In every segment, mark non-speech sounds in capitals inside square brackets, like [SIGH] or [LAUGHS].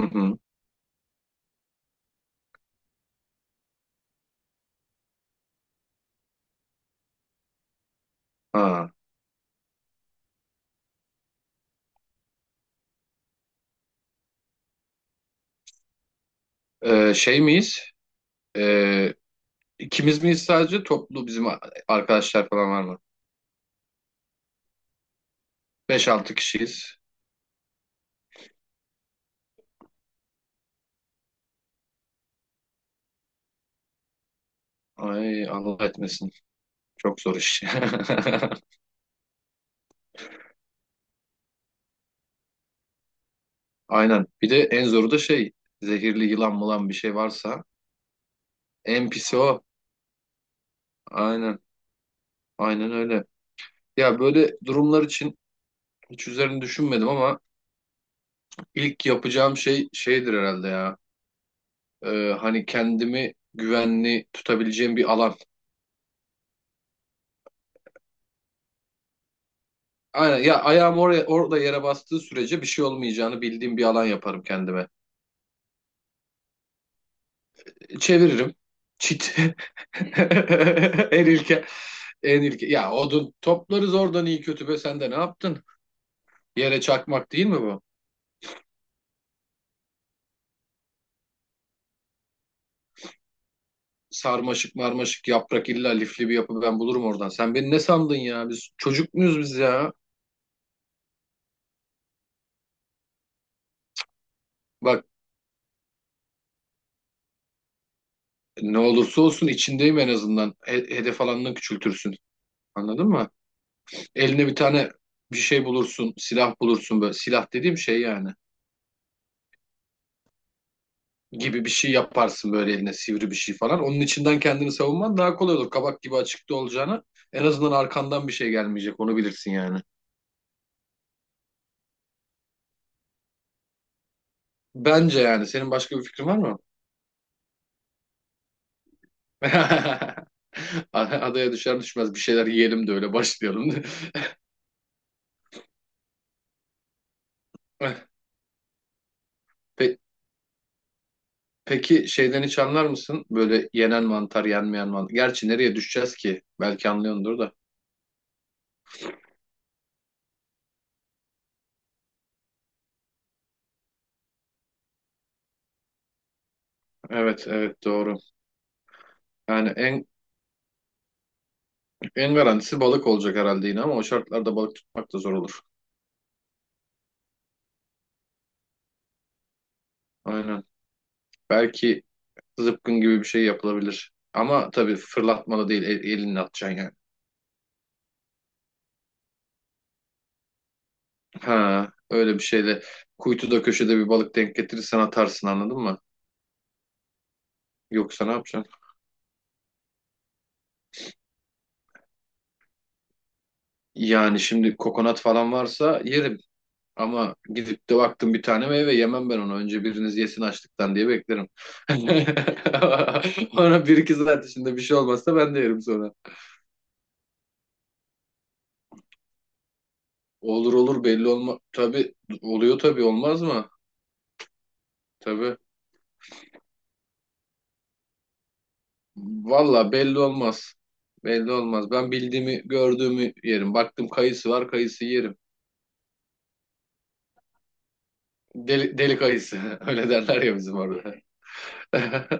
Hı hı. Ha. Şey miyiz? Ee, ikimiz miyiz sadece toplu bizim arkadaşlar falan var mı? Beş altı kişiyiz. Ay Allah etmesin. Çok zor iş. [LAUGHS] Aynen. Bir de en zoru da şey zehirli yılan mılan bir şey varsa en pisi o. Aynen. Aynen öyle. Ya böyle durumlar için hiç üzerine düşünmedim ama ilk yapacağım şey şeydir herhalde ya. Hani kendimi güvenli tutabileceğim bir alan. Aynen ya ayağım orada yere bastığı sürece bir şey olmayacağını bildiğim bir alan yaparım kendime. Çeviririm. Çit. [LAUGHS] En ilke, en ilke. Ya odun toplarız oradan iyi kötü be sen de ne yaptın? Yere çakmak değil mi bu? Sarmaşık marmaşık yaprak illa lifli bir yapı ben bulurum oradan. Sen beni ne sandın ya? Biz çocuk muyuz biz ya? Bak ne olursa olsun içindeyim en azından. Hedef alanını küçültürsün. Anladın mı? Eline bir tane bir şey bulursun, silah bulursun böyle. Silah dediğim şey yani. Gibi bir şey yaparsın böyle eline sivri bir şey falan. Onun içinden kendini savunman daha kolay olur. Kabak gibi açıkta olacağına en azından arkandan bir şey gelmeyecek onu bilirsin yani. Bence yani senin başka bir fikrin var mı? [LAUGHS] Adaya düşer düşmez bir şeyler yiyelim de öyle başlayalım. [LAUGHS] Pe- Peki şeyden hiç anlar mısın? Böyle yenen mantar, yenmeyen mantar. Gerçi nereye düşeceğiz ki? Belki anlıyordur da. Evet, evet doğru. Yani en garantisi balık olacak herhalde yine ama o şartlarda balık tutmak da zor olur. Aynen. Belki zıpkın gibi bir şey yapılabilir. Ama tabii fırlatmalı değil, elinle atacaksın yani. Ha, öyle bir şeyle kuytuda köşede bir balık denk getirirsen atarsın anladın mı? Yoksa ne yapacaksın? Yani şimdi kokonat falan varsa yerim. Ama gidip de baktım bir tane meyve yemem ben onu. Önce biriniz yesin açlıktan diye beklerim. [LAUGHS] Ona bir iki saat içinde bir şey olmazsa ben de yerim sonra. Olur olur belli olma. Tabii oluyor tabii olmaz mı? Tabii. Valla belli olmaz. Belli olmaz. Ben bildiğimi, gördüğümü yerim. Baktım kayısı var, kayısı yerim. Deli, deli kayısı. [LAUGHS] Öyle derler ya bizim orada. [LAUGHS]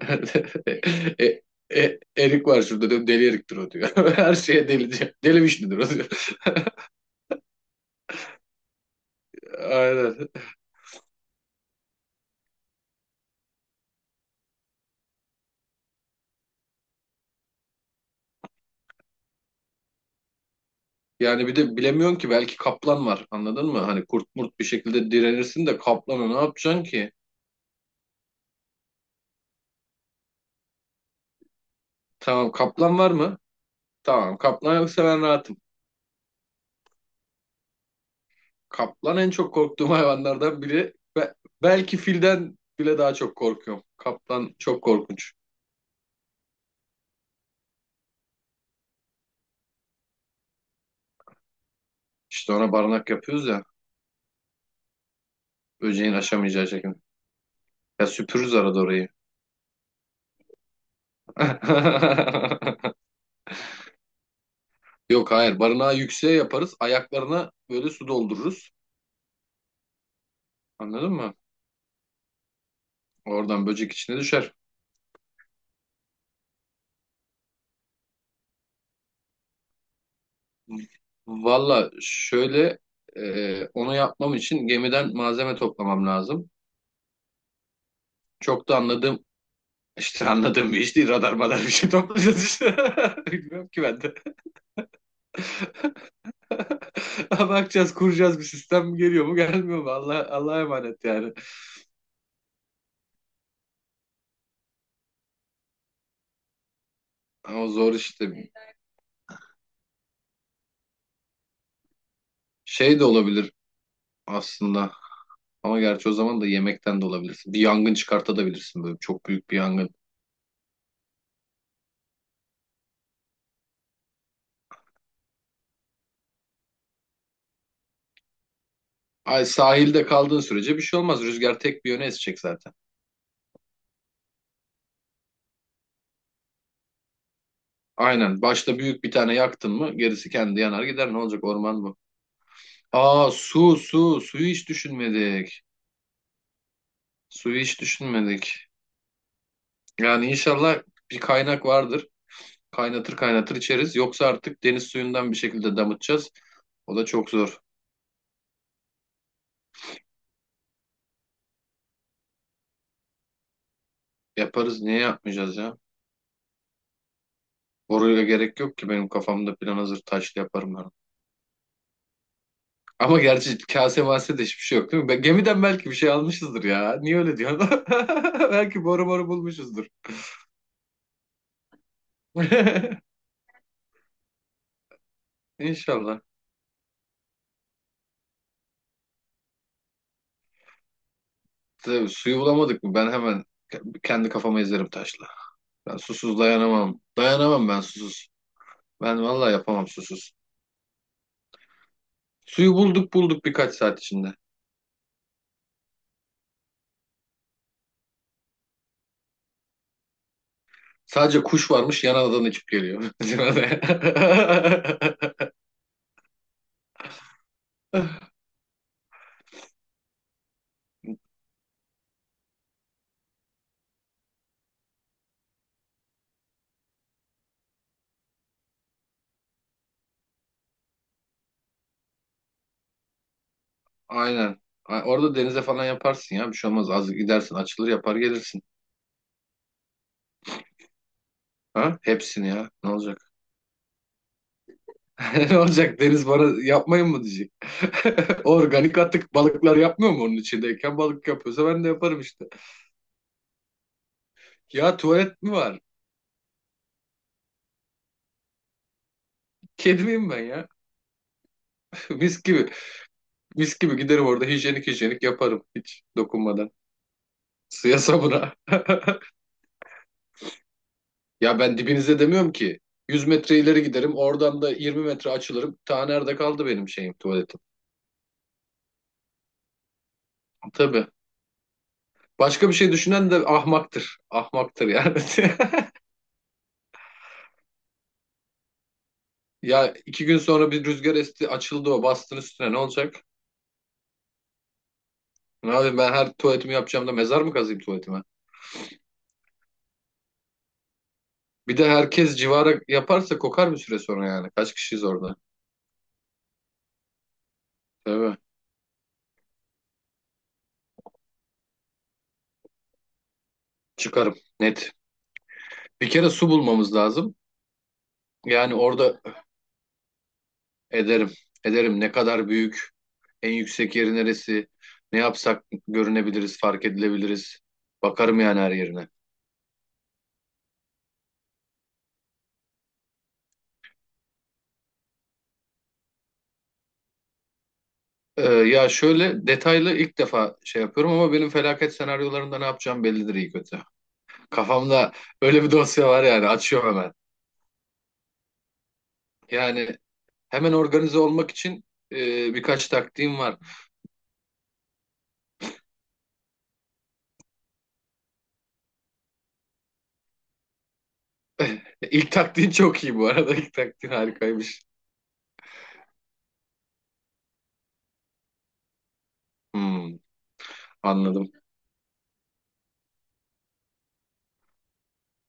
E, erik var şurada diyorum. Deli eriktir o diyor. [LAUGHS] Her şeye delice. Deli vişnidir o diyor. [LAUGHS] Aynen. Yani bir de bilemiyorsun ki belki kaplan var. Anladın mı? Hani kurt murt bir şekilde direnirsin de kaplana ne yapacaksın ki? Tamam kaplan var mı? Tamam kaplan yoksa ben rahatım. Kaplan en çok korktuğum hayvanlardan biri. Belki filden bile daha çok korkuyorum. Kaplan çok korkunç. İşte ona barınak yapıyoruz ya. Böceğin aşamayacağı şekilde. Ya süpürürüz arada orayı. [LAUGHS] Yok hayır barınağı yükseğe yaparız. Ayaklarına böyle su doldururuz. Anladın mı? Oradan böcek içine düşer. Valla şöyle onu yapmam için gemiden malzeme toplamam lazım. Çok da anladığım İşte anladığım bir iş değil. Radar madar bir şey toplayacağız işte. [LAUGHS] Bilmiyorum ki ben de. [LAUGHS] Bakacağız, kuracağız bir sistem geliyor mu gelmiyor mu? Allah, Allah'a emanet yani. Ama zor işte. Şey de olabilir aslında. Ama gerçi o zaman da yemekten de olabilirsin. Bir yangın çıkartabilirsin böyle çok büyük bir yangın. Ay sahilde kaldığın sürece bir şey olmaz. Rüzgar tek bir yöne esecek zaten. Aynen. Başta büyük bir tane yaktın mı gerisi kendi yanar gider. Ne olacak orman bu? Aa su su. Suyu hiç düşünmedik. Suyu hiç düşünmedik. Yani inşallah bir kaynak vardır. Kaynatır kaynatır içeriz. Yoksa artık deniz suyundan bir şekilde damıtacağız. O da çok zor. Yaparız. Niye yapmayacağız ya? Boruyla gerek yok ki. Benim kafamda plan hazır. Taşlı yaparım ben. Ama gerçi kase mase de hiçbir şey yok değil mi? Gemiden belki bir şey almışızdır ya. Niye öyle diyorsun? [LAUGHS] Belki boru boru bulmuşuzdur. [LAUGHS] İnşallah. Tabii, suyu bulamadık mı? Ben hemen kendi kafama ezerim taşla. Ben susuz dayanamam. Dayanamam ben susuz. Ben vallahi yapamam susuz. Suyu bulduk bulduk birkaç saat içinde. Sadece kuş varmış yan adadan uçup geliyor. [LAUGHS] Bizim Aynen. Orada denize falan yaparsın ya. Bir şey olmaz. Az gidersin açılır yapar gelirsin. Ha? Hepsini ya. Ne olacak? [LAUGHS] Ne olacak? Deniz bana yapmayın mı diyecek. [LAUGHS] Organik atık balıklar yapmıyor mu onun içindeyken? Balık yapıyorsa ben de yaparım işte. Ya tuvalet mi var? Kedi miyim ben ya? [LAUGHS] Mis gibi. Mis gibi giderim orada hijyenik hijyenik yaparım. Hiç dokunmadan. Suya sabuna. [LAUGHS] Ya ben dibinize demiyorum ki. 100 metre ileri giderim. Oradan da 20 metre açılırım. Ta nerede kaldı benim şeyim tuvaletim. Tabii. Başka bir şey düşünen de ahmaktır. Ahmaktır yani. [LAUGHS] Ya 2 gün sonra bir rüzgar esti açıldı o bastın üstüne ne olacak? Abi ben her tuvaletimi yapacağım da mezar mı kazayım tuvaletime? Bir de herkes civara yaparsa kokar bir süre sonra yani. Kaç kişiyiz orada? Tabii. Çıkarım. Net. Bir kere su bulmamız lazım. Yani orada ederim. Ederim ne kadar büyük. En yüksek yeri neresi? Ne yapsak görünebiliriz, fark edilebiliriz. Bakarım yani her yerine. Ya şöyle detaylı ilk defa şey yapıyorum ama benim felaket senaryolarında ne yapacağım bellidir iyi kötü. Kafamda öyle bir dosya var yani açıyorum hemen. Yani hemen organize olmak için e, birkaç taktiğim var. İlk taktiğin çok iyi bu arada. [LAUGHS] İlk taktiğin harikaymış. Hmm, anladım.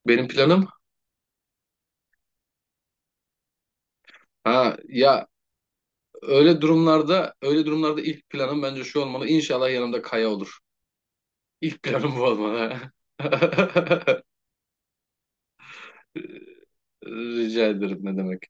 Benim planım ha ya öyle durumlarda ilk planım bence şu olmalı. İnşallah yanımda Kaya olur. İlk planım bu olmalı. [LAUGHS] Rica ederim ne demek.